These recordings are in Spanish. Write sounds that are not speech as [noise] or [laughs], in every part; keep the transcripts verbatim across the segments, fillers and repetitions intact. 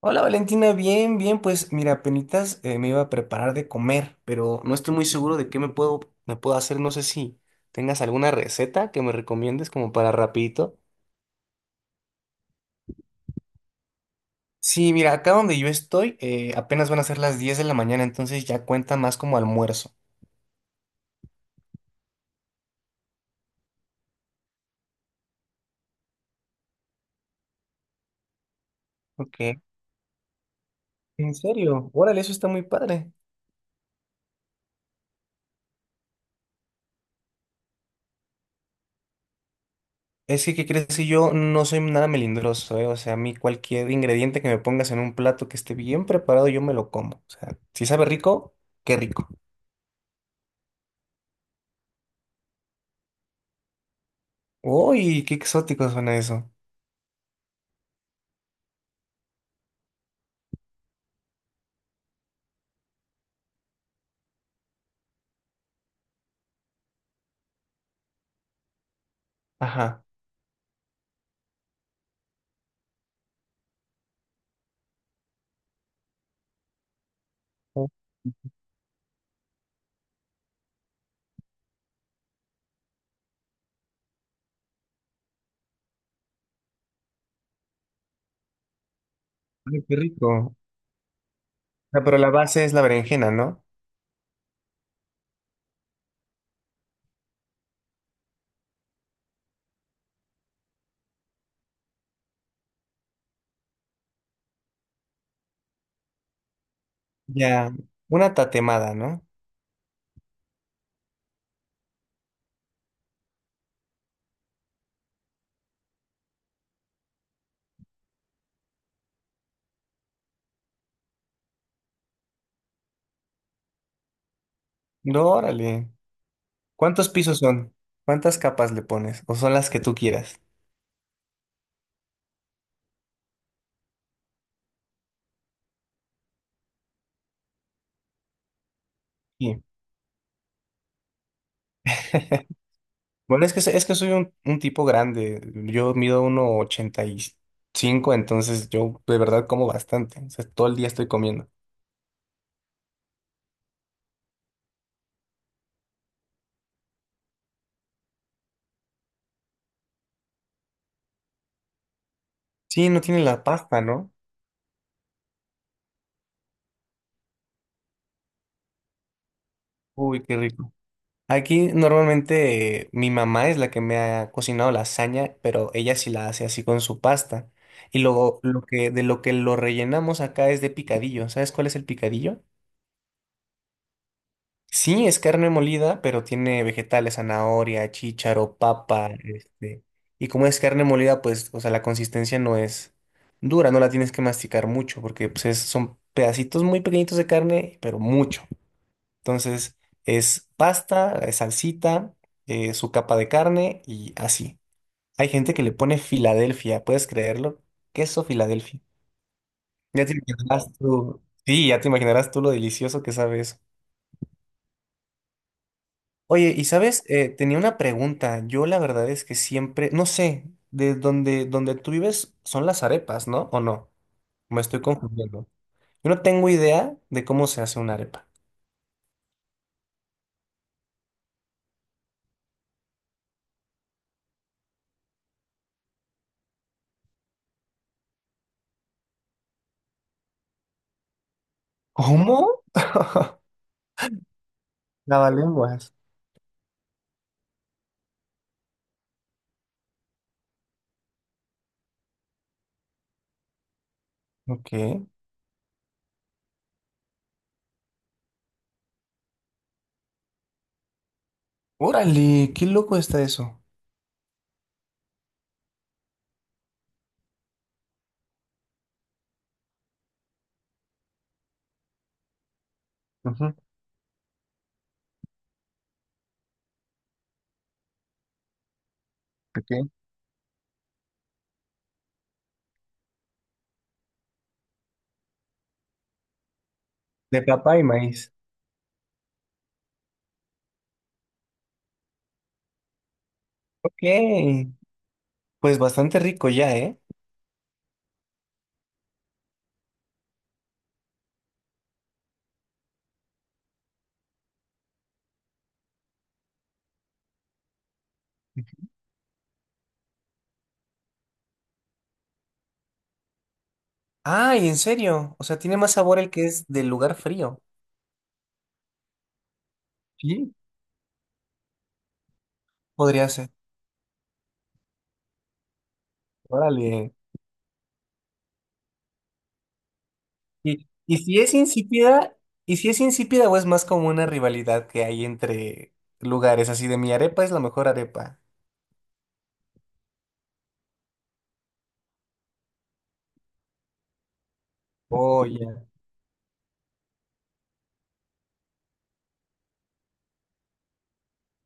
Hola Valentina, bien, bien, pues mira, apenitas eh, me iba a preparar de comer, pero no estoy muy seguro de qué me puedo, me puedo hacer, no sé si tengas alguna receta que me recomiendes como para rapidito. Sí, mira, acá donde yo estoy eh, apenas van a ser las diez de la mañana, entonces ya cuenta más como almuerzo. Ok. ¿En serio? Órale, eso está muy padre. Es que, ¿qué crees? Que yo no soy nada melindroso, ¿eh? O sea, a mí cualquier ingrediente que me pongas en un plato que esté bien preparado, yo me lo como. O sea, si sabe rico, qué rico. Uy, qué exótico suena eso. Ajá. Oh. Ay, qué rico. Ah, pero la base es la berenjena, ¿no? Ya, una tatemada, ¿no? No, órale. ¿Cuántos pisos son? ¿Cuántas capas le pones? ¿O son las que tú quieras? Sí. [laughs] Bueno, es que, so- es que soy un, un tipo grande. Yo mido uno ochenta y cinco, entonces yo de verdad como bastante. O sea, todo el día estoy comiendo. Sí, no tiene la pasta, ¿no? Uy, qué rico. Aquí normalmente eh, mi mamá es la que me ha cocinado lasaña, pero ella sí la hace así con su pasta. Y luego lo que, de lo que lo rellenamos acá es de picadillo. ¿Sabes cuál es el picadillo? Sí, es carne molida, pero tiene vegetales, zanahoria, chícharo, papa, este. Y como es carne molida, pues, o sea, la consistencia no es dura, no la tienes que masticar mucho, porque pues, es- son pedacitos muy pequeñitos de carne, pero mucho. Entonces es pasta, eh, salsita, eh, su capa de carne y así. Hay gente que le pone Filadelfia, ¿puedes creerlo? Queso Filadelfia. Ya te imaginarás tú. Sí, ya te imaginarás tú lo delicioso que sabe eso. Oye, y sabes, Eh, tenía una pregunta. Yo la verdad es que siempre, no sé, de donde, donde tú vives son las arepas, ¿no? ¿O no? Me estoy confundiendo. Yo no tengo idea de cómo se hace una arepa. ¿Cómo? [laughs] Lavalenguas. Ok. Órale, qué loco está eso. Ujú, ok. De papá y maíz. Ok, pues bastante rico ya, ¿eh? Ay, en serio. O sea, tiene más sabor el que es del lugar frío. Sí, podría ser. Órale. Y, y si es insípida, y si es insípida o es más como una rivalidad que hay entre lugares así de mi arepa es la mejor arepa. Oh, ya,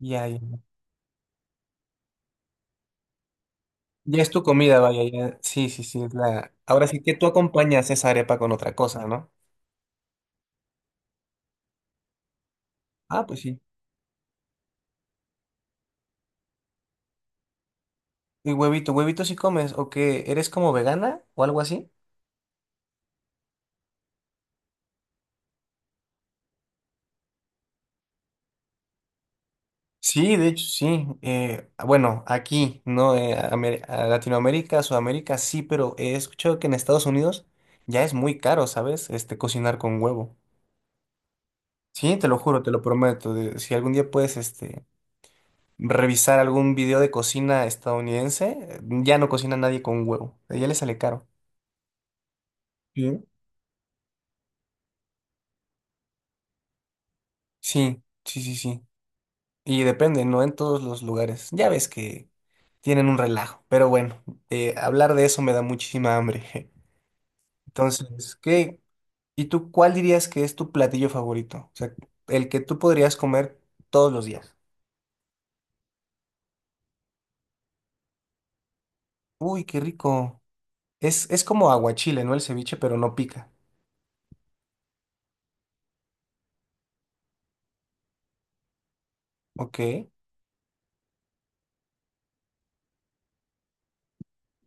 ya, ya. Ya es tu comida, vaya, ya. Sí, sí, sí, es la. Ahora sí que tú acompañas esa arepa con otra cosa, ¿no? Ah, pues sí. Y huevito, huevito si comes, o que eres como vegana o algo así. Sí, de hecho, sí. Eh, ah, bueno, aquí, ¿no? Eh, a Amer- a Latinoamérica, Sudamérica, sí, pero he escuchado que en Estados Unidos ya es muy caro, ¿sabes? Este, cocinar con huevo. Sí, te lo juro, te lo prometo. De- si algún día puedes, este, revisar algún video de cocina estadounidense, eh, ya no cocina nadie con huevo. Ya le sale caro. Sí. Sí, sí, sí, sí. Y depende, no en todos los lugares. Ya ves que tienen un relajo, pero bueno, eh, hablar de eso me da muchísima hambre. [laughs] Entonces, ¿qué? ¿Y tú cuál dirías que es tu platillo favorito? O sea, el que tú podrías comer todos los días. Uy, qué rico. Es, es como aguachile, ¿no? El ceviche, pero no pica. Ok.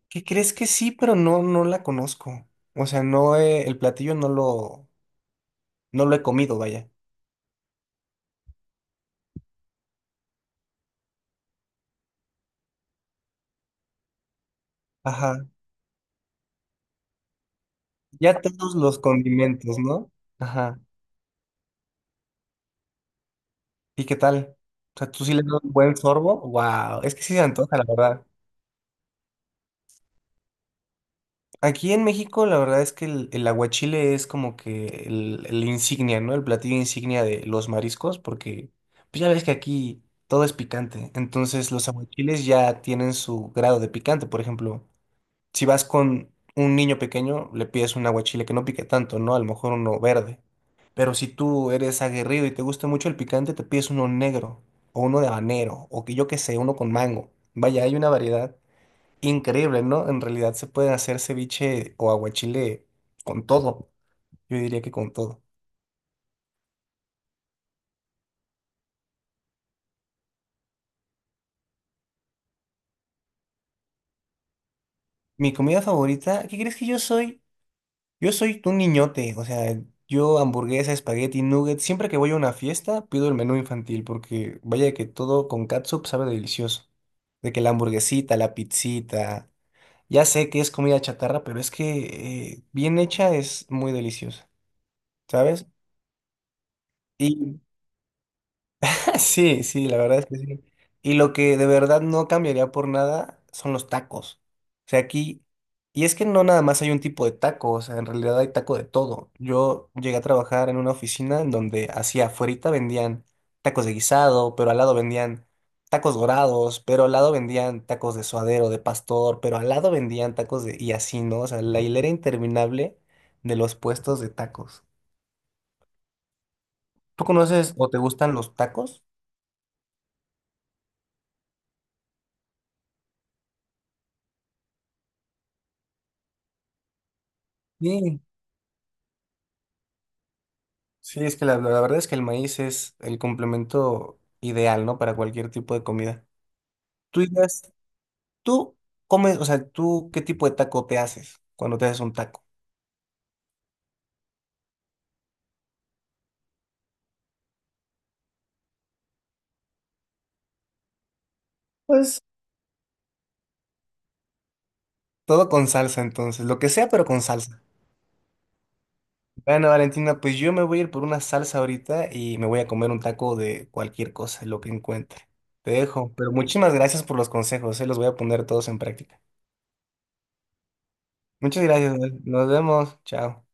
¿Qué crees que sí, pero no, no la conozco? O sea, no, he- el platillo no lo, no lo he comido, vaya. Ajá. Ya todos los condimentos, ¿no? Ajá. ¿Y qué tal? O sea, ¿tú sí le das un buen sorbo? Wow, es que sí se antoja, la verdad. Aquí en México, la verdad es que el, el aguachile es como que el, el insignia, ¿no? El platillo insignia de los mariscos, porque pues ya ves que aquí todo es picante. Entonces, los aguachiles ya tienen su grado de picante. Por ejemplo, si vas con un niño pequeño, le pides un aguachile que no pique tanto, ¿no? A lo mejor uno verde. Pero si tú eres aguerrido y te gusta mucho el picante, te pides uno negro o uno de habanero o que yo qué sé, uno con mango. Vaya, hay una variedad increíble, ¿no? En realidad se pueden hacer ceviche o aguachile con todo. Yo diría que con todo. Mi comida favorita, ¿qué crees que yo soy? Yo soy un niñote, o sea, yo hamburguesa, espagueti, nuggets, siempre que voy a una fiesta pido el menú infantil porque vaya que todo con catsup sabe delicioso. De que la hamburguesita, la pizzita, ya sé que es comida chatarra, pero es que eh, bien hecha es muy deliciosa, ¿sabes? Y Sí, sí, la verdad es que sí. Y lo que de verdad no cambiaría por nada son los tacos. O sea, aquí, y es que no nada más hay un tipo de taco, o sea, en realidad hay taco de todo. Yo llegué a trabajar en una oficina en donde hacia afuerita vendían tacos de guisado, pero al lado vendían tacos dorados, pero al lado vendían tacos de suadero, de pastor, pero al lado vendían tacos de... y así, ¿no? O sea, la hilera interminable de los puestos de tacos. ¿Tú conoces o te gustan los tacos? Sí. Sí, es que la, la verdad es que el maíz es el complemento ideal, ¿no? Para cualquier tipo de comida. Tú dirías, tú comes, o sea, tú, ¿qué tipo de taco te haces cuando te haces un taco? Pues todo con salsa, entonces, lo que sea, pero con salsa. Bueno, Valentina, pues yo me voy a ir por una salsa ahorita y me voy a comer un taco de cualquier cosa, lo que encuentre. Te dejo, pero muchísimas gracias por los consejos, ¿eh? Los voy a poner todos en práctica. Muchas gracias, nos vemos, chao.